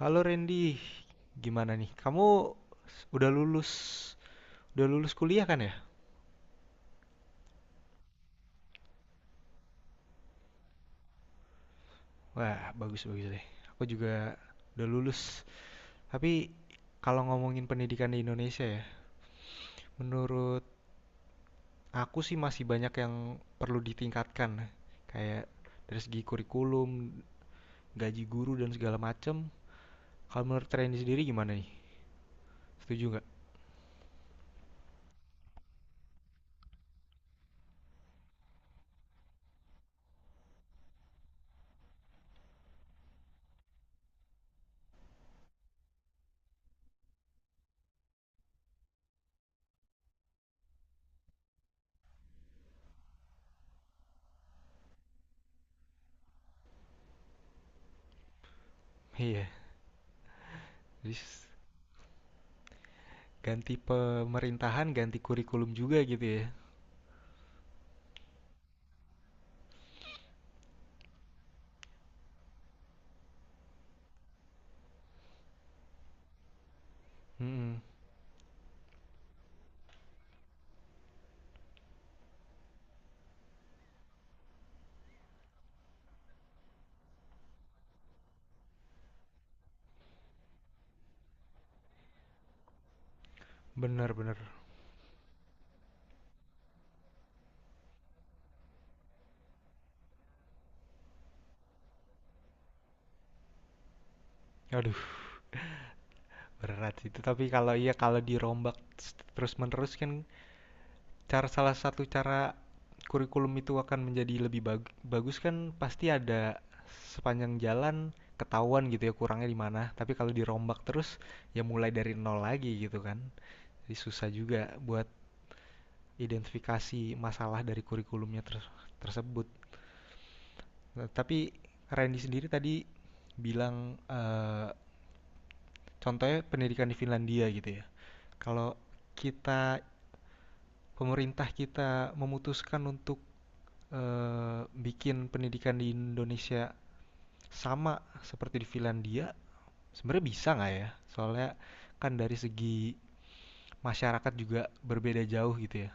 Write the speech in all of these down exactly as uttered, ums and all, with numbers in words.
Halo Randy, gimana nih? Kamu udah lulus, udah lulus kuliah kan ya? Wah, bagus-bagus deh. Aku juga udah lulus. Tapi kalau ngomongin pendidikan di Indonesia ya, menurut aku sih masih banyak yang perlu ditingkatkan. Kayak dari segi kurikulum, gaji guru dan segala macem. Kalau menurut Randy sendiri gimana nih? Setuju nggak? Iya, jadi s- ganti pemerintahan, ganti kurikulum juga gitu ya. Mm-mm, Bener-bener. Aduh, berat itu. Tapi kalau iya kalau dirombak terus-menerus kan cara salah satu cara kurikulum itu akan menjadi lebih bag- bagus kan pasti ada sepanjang jalan ketahuan gitu ya kurangnya di mana. Tapi kalau dirombak terus ya mulai dari nol lagi gitu kan. Jadi susah juga buat identifikasi masalah dari kurikulumnya ter- tersebut. Nah, tapi Randy sendiri tadi bilang eh, contohnya pendidikan di Finlandia gitu ya. Kalau kita pemerintah kita memutuskan untuk eh, bikin pendidikan di Indonesia sama seperti di Finlandia, sebenarnya bisa nggak ya? Soalnya kan dari segi masyarakat juga berbeda jauh gitu ya.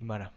Gimana?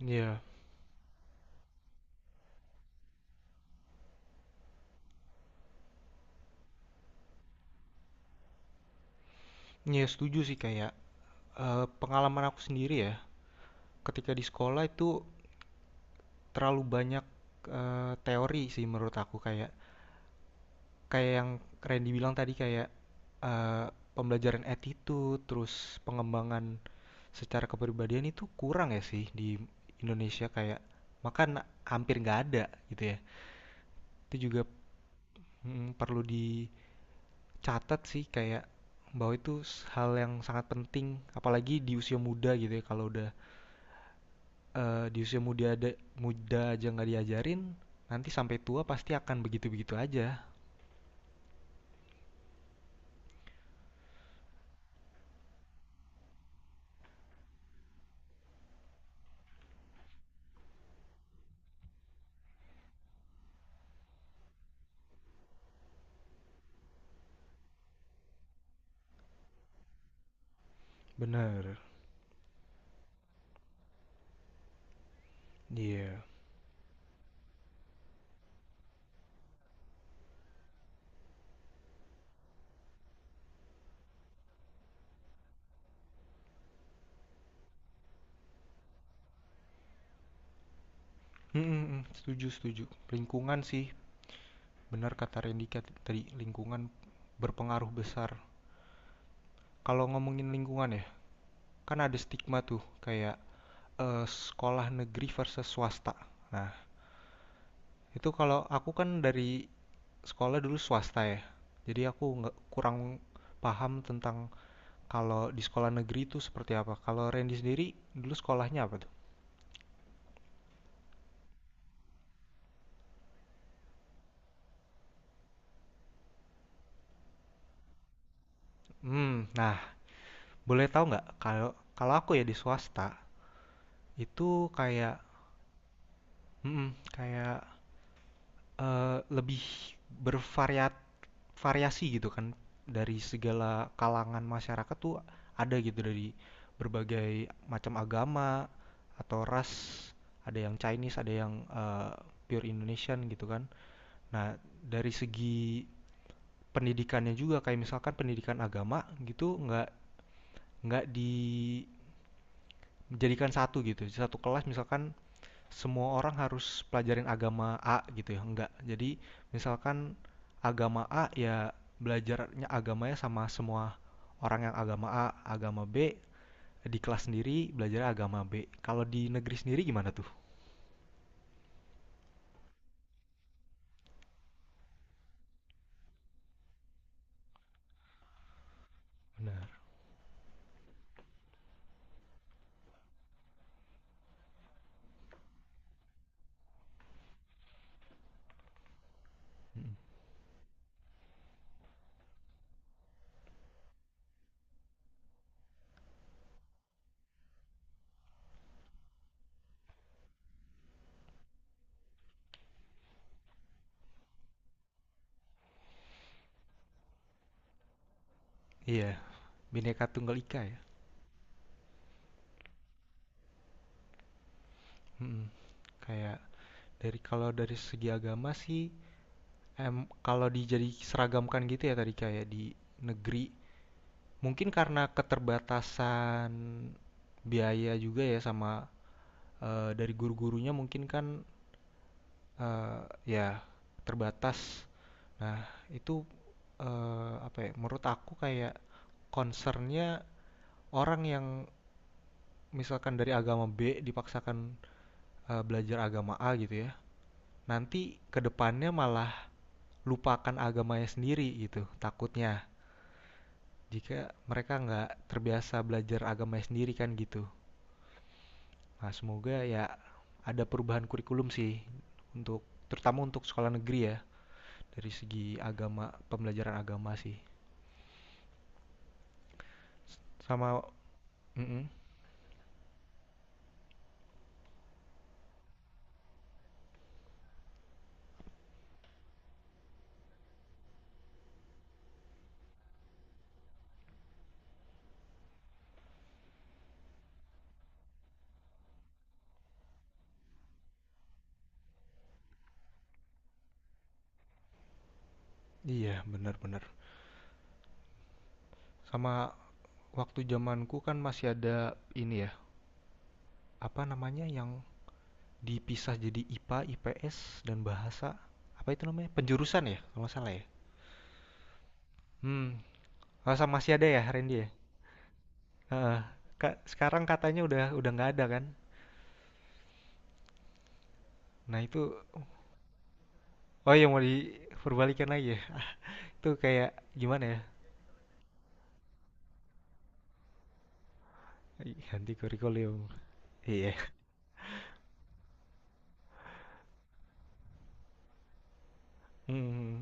Iya, iya setuju sih kayak eh, pengalaman aku sendiri ya. Ketika di sekolah itu terlalu banyak eh, teori sih menurut aku kayak kayak yang Randy bilang tadi kayak eee, pembelajaran attitude, terus pengembangan secara kepribadian itu kurang ya sih di Indonesia kayak makan hampir nggak ada gitu ya. Itu juga mhm, perlu dicatat sih kayak bahwa itu hal yang sangat penting apalagi di usia muda gitu ya kalau udah, eee, di usia muda ada muda aja nggak diajarin nanti sampai tua pasti akan begitu-begitu aja. Bener, iya. Mhm, mhm, setuju, setuju. Lingkungan sih. Benar kata Randy kat- tadi lingkungan berpengaruh besar. Kalau ngomongin lingkungan ya, kan ada stigma tuh kayak eh, sekolah negeri versus swasta. Nah, itu kalau aku kan dari sekolah dulu swasta ya. Jadi aku nggak kurang paham tentang kalau di sekolah negeri itu seperti apa. Kalau Randy sendiri dulu sekolahnya apa tuh? Hmm, nah boleh tahu nggak kalau kalau aku ya di swasta itu kayak mm, kayak eh, lebih bervariatif variasi gitu kan dari segala kalangan masyarakat tuh ada gitu dari berbagai macam agama atau ras ada yang Chinese ada yang eh, pure Indonesian gitu kan. Nah, dari segi pendidikannya juga kayak misalkan pendidikan agama gitu nggak nggak dijadikan satu gitu, satu kelas misalkan semua orang harus pelajarin agama A gitu ya, enggak. Jadi misalkan agama A ya belajarnya agamanya sama semua orang yang agama A, agama B, di kelas sendiri belajar agama B. Kalau di negeri sendiri gimana tuh? Benar. Mm. Iya, Bhinneka Tunggal Ika ya. Mm. Kayak dari kalau dari segi agama sih em kalau dijadi seragamkan gitu ya tadi kayak di negeri mungkin karena keterbatasan biaya juga ya sama eh, dari guru-gurunya mungkin kan eh, ya terbatas. Nah, itu eh, apa ya? Menurut aku kayak concernnya orang yang misalkan dari agama B dipaksakan eh, belajar agama A gitu ya. Nanti kedepannya malah lupakan agamanya sendiri gitu, takutnya. Jika mereka nggak terbiasa belajar agamanya sendiri kan gitu. Nah, semoga ya ada perubahan kurikulum sih untuk terutama untuk sekolah negeri ya. Dari segi agama pembelajaran agama sih sama. Mm-mm. Iya, benar-benar, sama waktu zamanku kan masih ada ini ya, apa namanya yang dipisah jadi I P A, I P S dan bahasa, apa itu namanya penjurusan ya kalau nggak salah ya. Hmm, masa masih ada ya Randy ya. Heeh. Ka- sekarang katanya udah udah nggak ada kan. Nah, itu. Oh, yang mau diperbalikan lagi ya. Itu kayak gimana ya. Ganti kurikulum. Iya. Hmm, hmm, hmm.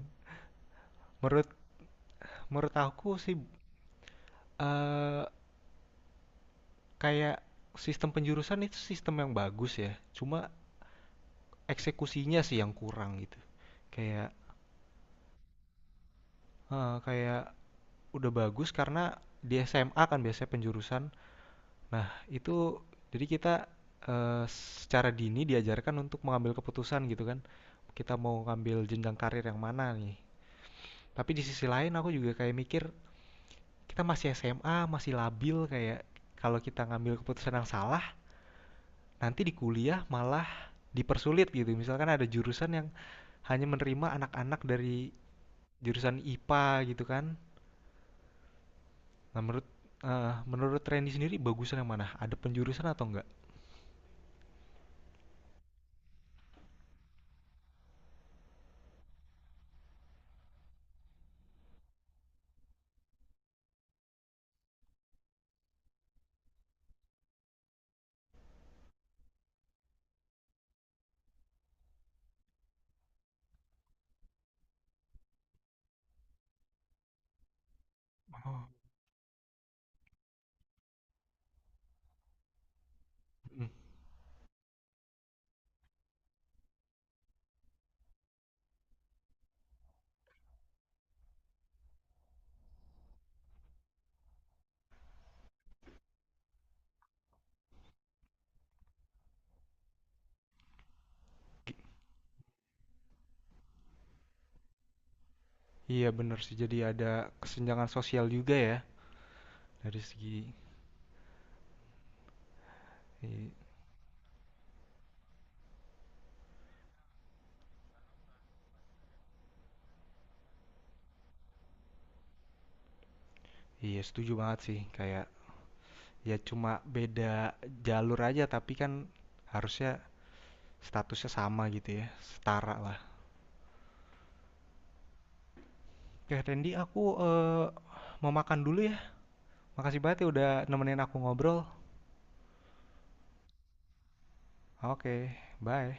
menurut Menurut aku sih Eee, kayak sistem penjurusan itu sistem yang bagus ya, cuma eksekusinya sih yang kurang gitu. Kayak heeh, kayak udah bagus karena di S M A kan biasanya penjurusan. Nah, itu jadi kita, eee, secara dini diajarkan untuk mengambil keputusan gitu kan. Kita mau ngambil jenjang karir yang mana nih. Tapi di sisi lain aku juga kayak mikir, kita masih S M A, masih labil, kayak kalau kita ngambil keputusan yang salah nanti di kuliah malah dipersulit gitu. Misalkan ada jurusan yang hanya menerima anak-anak dari jurusan I P A gitu kan. Nah, menurut eh, menurut Randy sendiri bagusan yang mana? Ada penjurusan atau enggak? Oh. Mm. Iya bener sih, jadi ada kesenjangan sosial juga ya dari segi i- iya setuju banget sih kayak ya cuma beda jalur aja tapi kan harusnya statusnya sama gitu ya setara lah. Ya Randy, aku eh, mau makan dulu ya. Makasih banget ya udah nemenin aku ngobrol. Oke, bye.